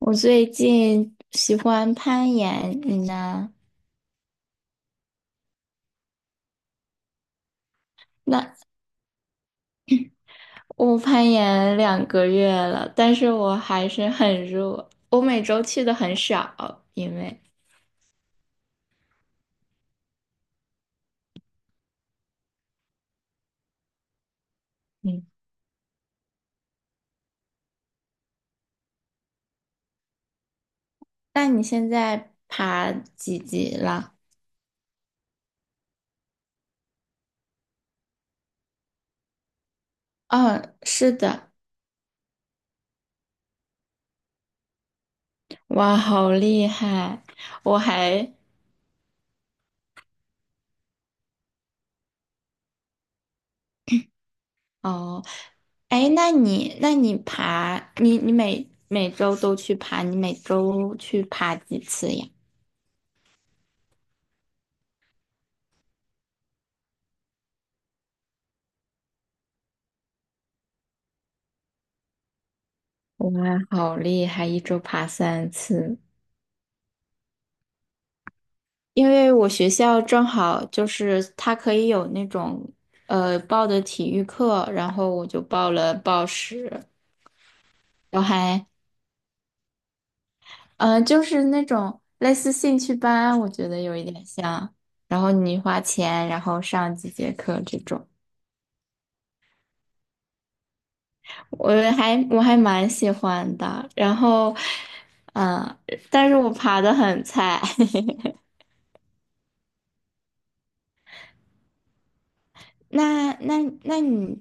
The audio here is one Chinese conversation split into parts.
我最近喜欢攀岩，你呢？那我攀岩2个月了，但是我还是很弱。我每周去的很少，因为嗯，那你现在爬几级了？嗯，是的，哇，好厉害！我还哦，哎，那你你每周都去爬，你每周去爬几次呀？哇，好厉害，一周爬3次。因为我学校正好就是他可以有那种报的体育课，然后我就报了报时，然后还呃就是那种类似兴趣班，我觉得有一点像，然后你花钱然后上几节课这种，我还蛮喜欢的，嗯、呃但是我爬的很菜，那你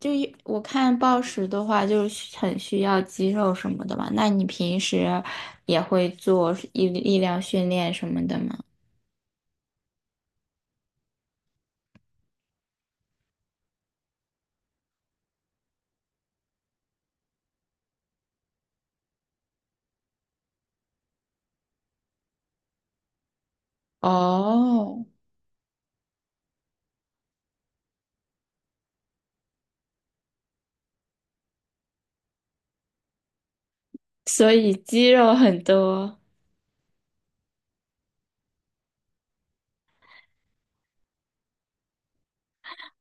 我看暴食的话，就是很需要肌肉什么的嘛。那你平时也会做力量训练什么的吗？哦，所以肌肉很多。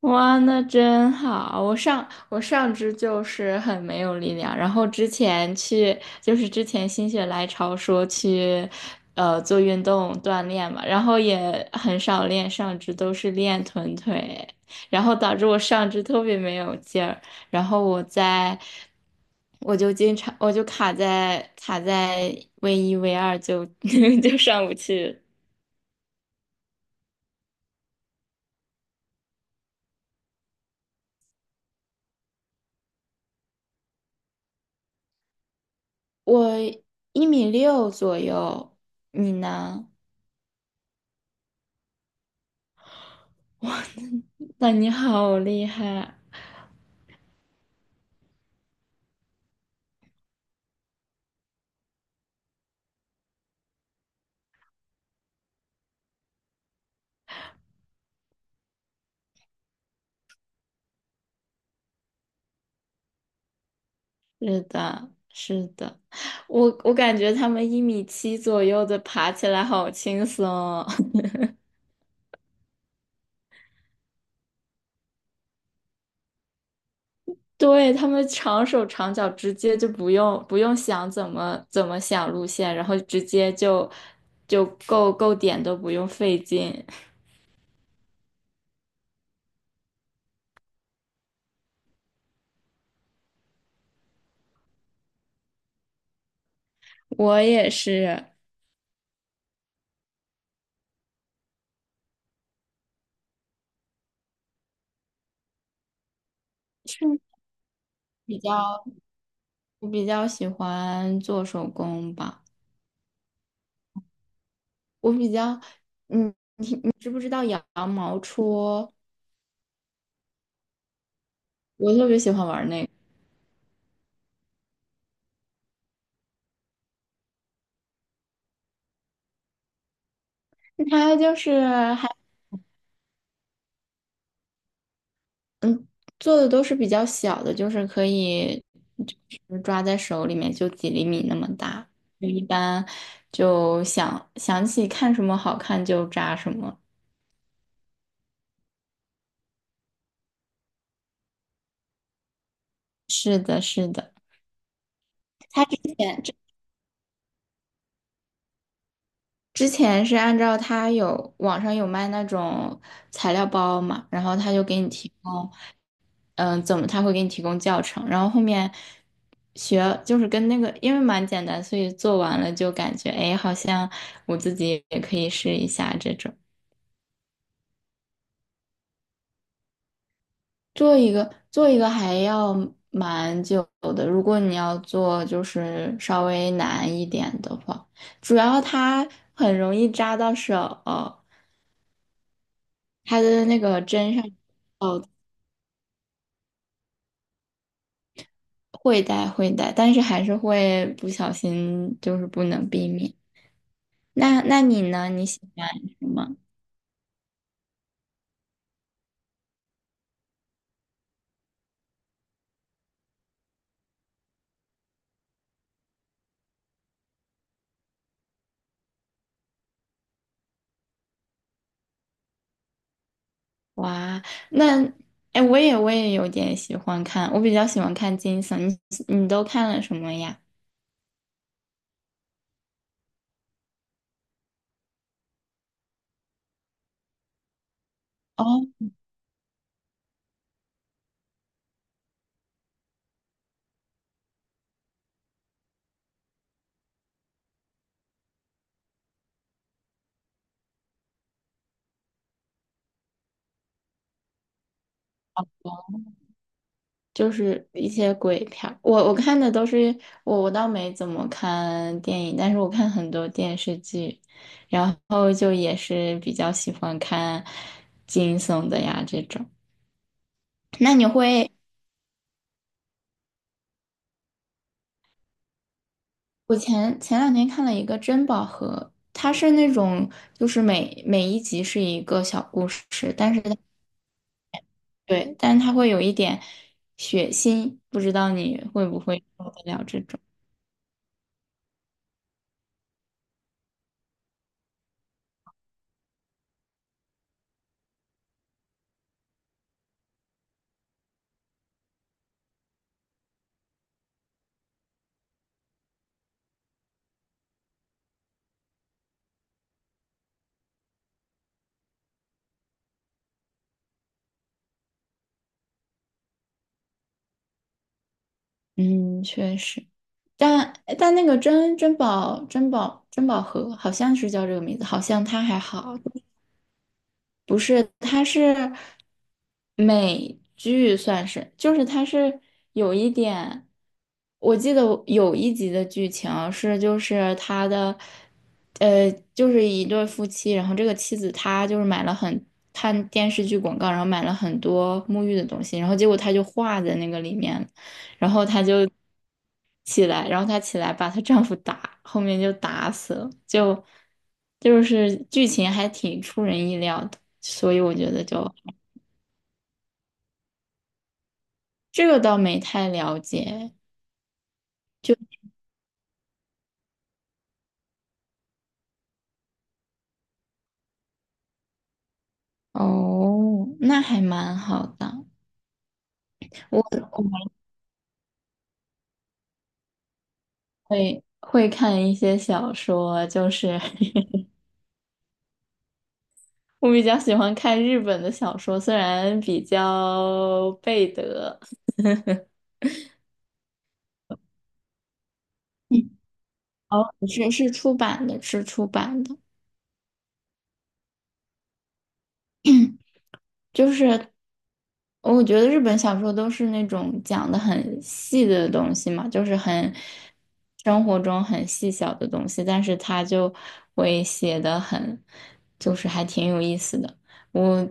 哇，那真好！我上肢就是很没有力量，然后之前去就是之前心血来潮说去，做运动锻炼嘛，然后也很少练上肢，都是练臀腿，然后导致我上肢特别没有劲儿，然后我在我就经常卡在 V1 V2就 就上不去，我1米6左右，你呢？哇，那你好厉害，是的，是的，我感觉他们1米7左右的爬起来好轻松哦 对，他们长手长脚，直接就不用想怎么想路线，然后直接就够点都不用费劲。我也是，是比较我比较喜欢做手工吧，我比较，嗯，你知不知道羊毛戳？我特别喜欢玩那个。它就是还做的都是比较小的，就是可以就是抓在手里面就几厘米那么大。就一般就想起看什么好看就扎什么。是的，是的。他之前之前是按照他有网上有卖那种材料包嘛，然后他就给你提供。怎么他会给你提供教程，然后后面学就是跟那个，因为蛮简单，所以做完了就感觉，哎，好像我自己也可以试一下这种。做一个还要蛮久的，如果你要做就是稍微难一点的话，主要它很容易扎到手，它的那个针上哦会带，但是还是会不小心，就是不能避免。那你呢？你喜欢什么？哇，那哎，我也有点喜欢看，我比较喜欢看惊悚。你都看了什么呀？哦，就是一些鬼片儿。我我看的都是我倒没怎么看电影，但是我看很多电视剧，然后就也是比较喜欢看惊悚的呀这种。那你会我前前两天看了一个珍宝盒，它是那种就是每一集是一个小故事，但是对，但是它会有一点血腥，不知道你会不会受得了这种？嗯，确实，但但那个珍宝盒好像是叫这个名字，好像它还好。不是，它是美剧，算是，就是它是有一点，我记得我有一集的剧情是，就是他的，就是一对夫妻，然后这个妻子她就是买了很看电视剧广告，然后买了很多沐浴的东西，然后结果她就化在那个里面了起来，然后她起来把她丈夫打，后面就打死了。就是剧情还挺出人意料的。所以我觉得就这个倒没太了解。哦，那还蛮好的。我我还会看一些小说，就是 我比较喜欢看日本的小说，虽然比较背德。嗯哦，是出版的，是出版的。就是我觉得日本小说都是那种讲的很细的东西嘛，就是生活中很细小的东西，但是他就会写的很，就是还挺有意思的。我。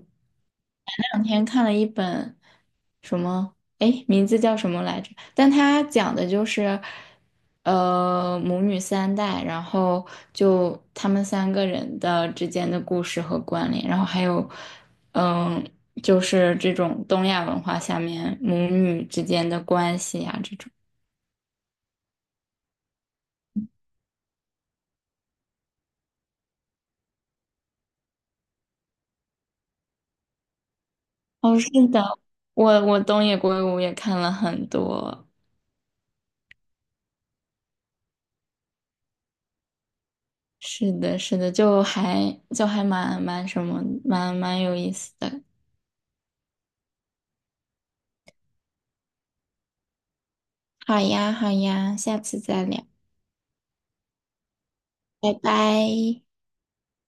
两天看了一本什么，哎，名字叫什么来着？但它讲的就是，母女三代，然后就他们三个人的之间的故事和关联，然后还有，嗯，就是这种东亚文化下面母女之间的关系呀、这种。哦，是的，我东野圭吾也看了很多。是的，是的，就还蛮什么，蛮有意思的。好呀，好呀，下次再聊，拜拜。